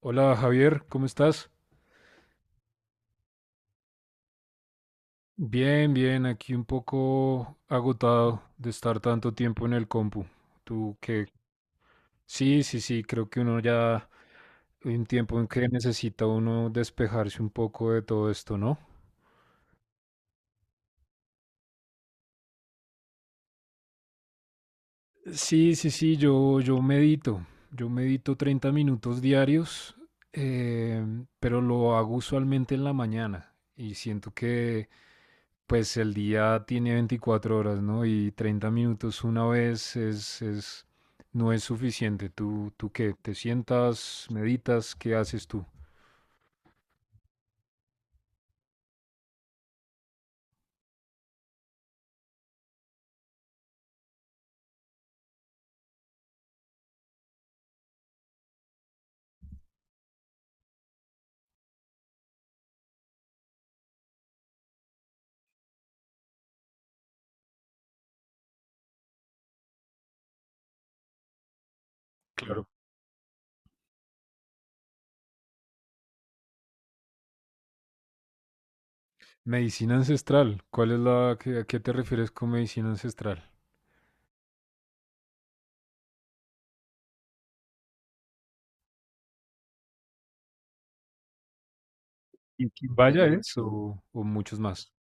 Hola Javier, ¿cómo estás? Bien, bien, aquí un poco agotado de estar tanto tiempo en el compu. ¿Tú qué? Sí, sí, sí, creo que uno ya hay un tiempo en que necesita uno despejarse un poco de todo esto, ¿no? Sí, sí, sí, yo medito. Yo medito 30 minutos diarios, eh, pero lo hago usualmente en la mañana y siento que pues el día tiene 24 horas, ¿no? Y 30 minutos una vez no es suficiente. ¿Tú qué? ¿Te sientas, meditas? ¿Qué haces tú? Claro. Medicina ancestral. ¿Cuál es a qué te refieres con medicina ancestral? ¿Y vaya es o muchos más?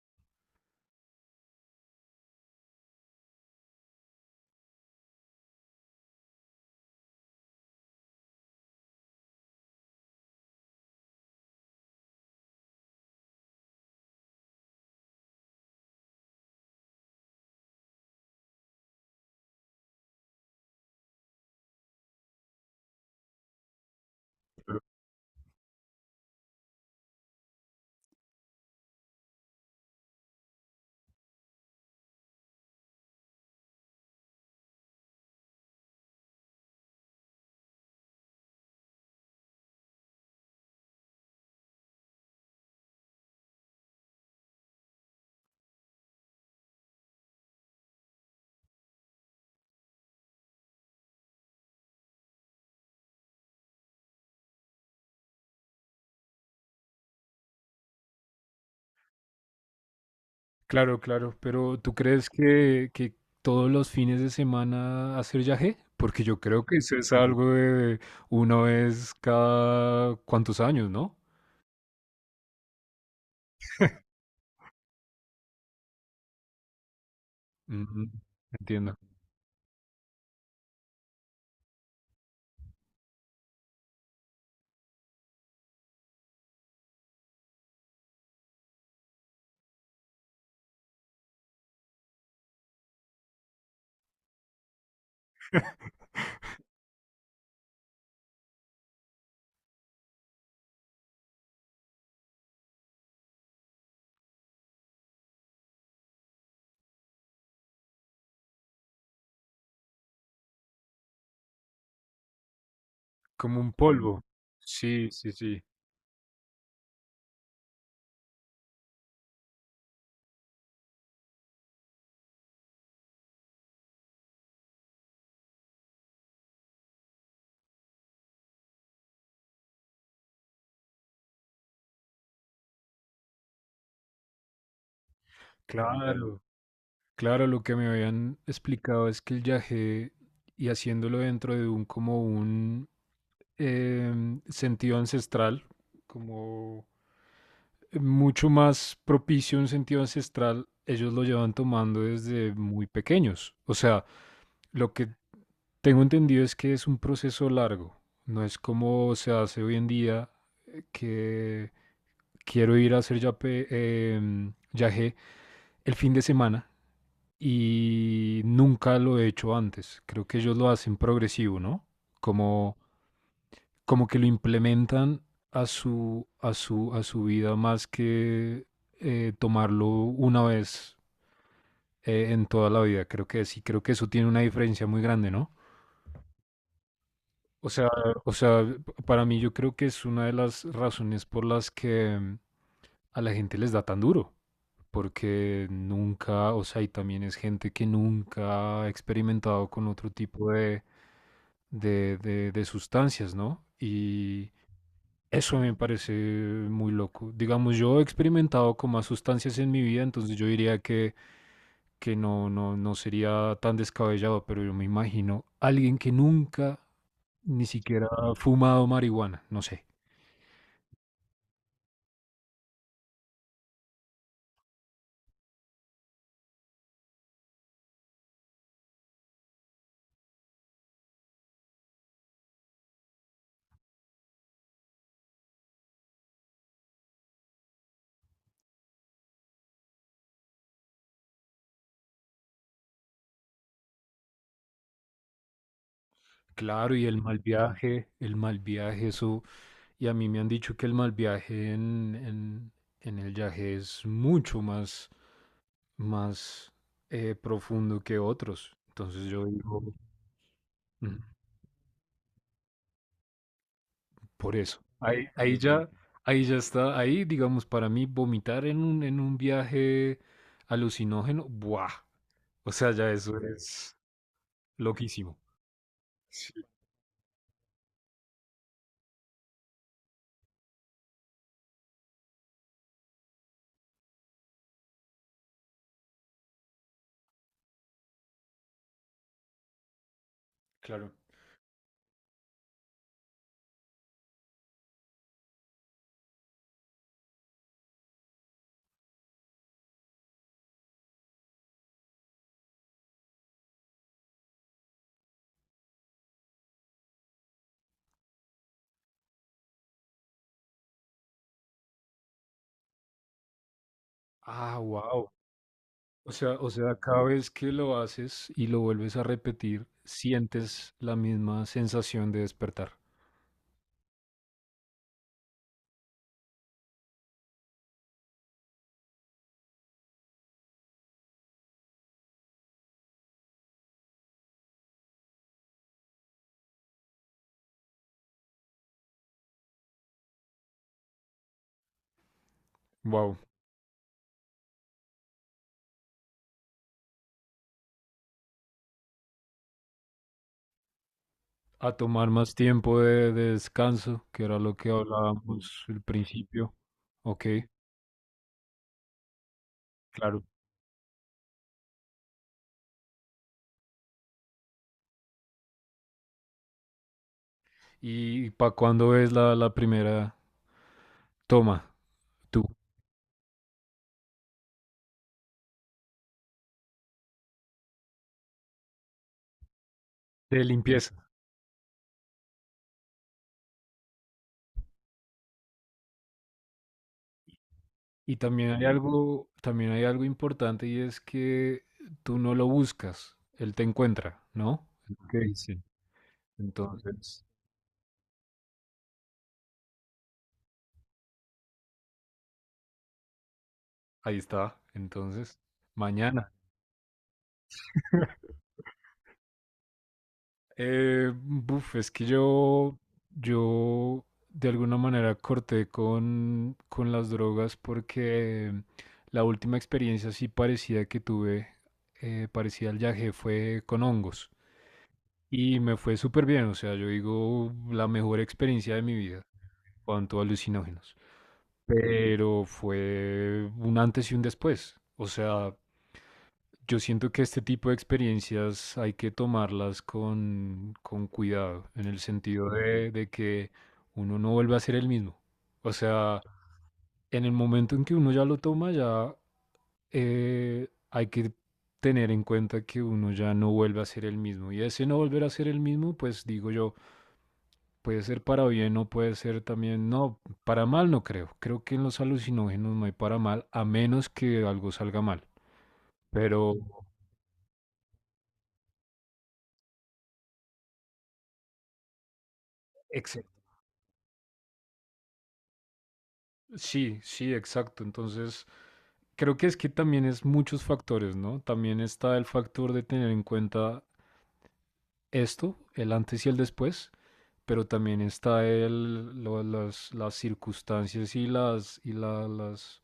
Claro, claro. Pero ¿tú crees que todos los fines de semana hacer yagé? Porque yo creo que eso es algo de una vez cada cuantos años, ¿no? Ujú. Entiendo. Como un polvo. Sí, sí, sí. Claro, claro, lo que me habían explicado es que el yagé, y haciéndolo dentro de un como un sentido ancestral, como mucho más propicio un sentido ancestral, ellos lo llevan tomando desde muy pequeños. O sea, lo que tengo entendido es que es un proceso largo, no es como se hace hoy en día que quiero ir a hacer yagé el fin de semana y nunca lo he hecho antes. Creo que ellos lo hacen progresivo, ¿no? Como, como que lo implementan a su vida más que tomarlo una vez en toda la vida. Creo que sí, creo que eso tiene una diferencia muy grande, ¿no? O sea, o sea, para mí yo creo que es una de las razones por las que a la gente les da tan duro. Porque nunca, o sea, y también es gente que nunca ha experimentado con otro tipo de sustancias, ¿no? Y eso me parece muy loco. Digamos, yo he experimentado con más sustancias en mi vida, entonces yo diría que no, no, no sería tan descabellado, pero yo me imagino alguien que nunca ni siquiera ha fumado marihuana, no sé. Claro, y el mal viaje, eso, y a mí me han dicho que el mal viaje en el yaje es mucho más, más profundo que otros. Entonces yo digo, "Mm, por eso. Ahí, ahí ya está, ahí digamos, para mí vomitar en un viaje alucinógeno, ¡buah! O sea, ya eso es loquísimo. Sí, claro. Ah, wow. O sea, cada vez que lo haces y lo vuelves a repetir, sientes la misma sensación de despertar. Wow. A tomar más tiempo de descanso, que era lo que hablábamos al principio. Ok, claro. ¿Y para cuándo es la, la primera toma tú de limpieza? Y también hay algo importante y es que tú no lo buscas, él te encuentra, ¿no? Ok, sí. Entonces, ahí está. Entonces, mañana. Buf, es que yo de alguna manera corté con las drogas porque la última experiencia así parecida que tuve, parecida al viaje, fue con hongos. Y me fue súper bien, o sea, yo digo la mejor experiencia de mi vida en cuanto a alucinógenos. Pero fue un antes y un después. O sea, yo siento que este tipo de experiencias hay que tomarlas con cuidado, en el sentido de que uno no vuelve a ser el mismo. O sea, en el momento en que uno ya lo toma, ya hay que tener en cuenta que uno ya no vuelve a ser el mismo. Y ese no volver a ser el mismo, pues digo yo, puede ser para bien o puede ser también, no, para mal no creo. Creo que en los alucinógenos no hay para mal, a menos que algo salga mal. Pero... Sí, sí, exacto. Entonces, creo que es que también es muchos factores, ¿no? También está el factor de tener en cuenta esto, el antes y el después, pero también está las circunstancias y las, y la-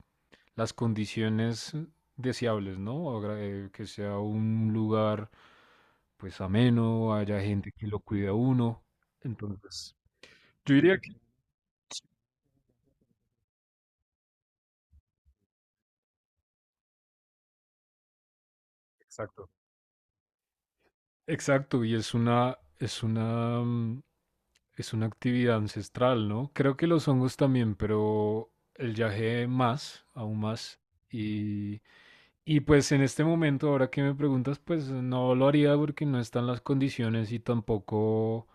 las condiciones deseables, ¿no? Que sea un lugar pues ameno, haya gente que lo cuide a uno. Entonces, yo diría que... Exacto. Exacto, y es una, mm, es una actividad ancestral, ¿no? Creo que los hongos también, pero el yagé más, aún más. Y, y pues en este momento, ahora que me preguntas, pues no lo haría porque no están las condiciones y tampoco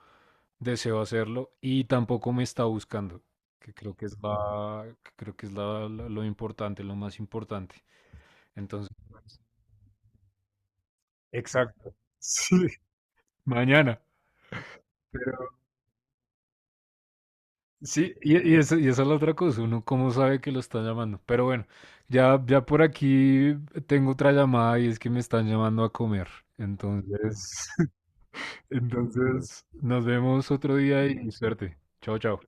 deseo hacerlo y tampoco me está buscando, que creo que es que creo que es lo importante, lo más importante. Entonces, exacto. Sí, mañana. Sí, y, eso y esa es la otra cosa, uno cómo sabe que lo está llamando. Pero bueno, ya, ya por aquí tengo otra llamada y es que me están llamando a comer. Entonces, entonces nos vemos otro día y suerte. Chao, chao.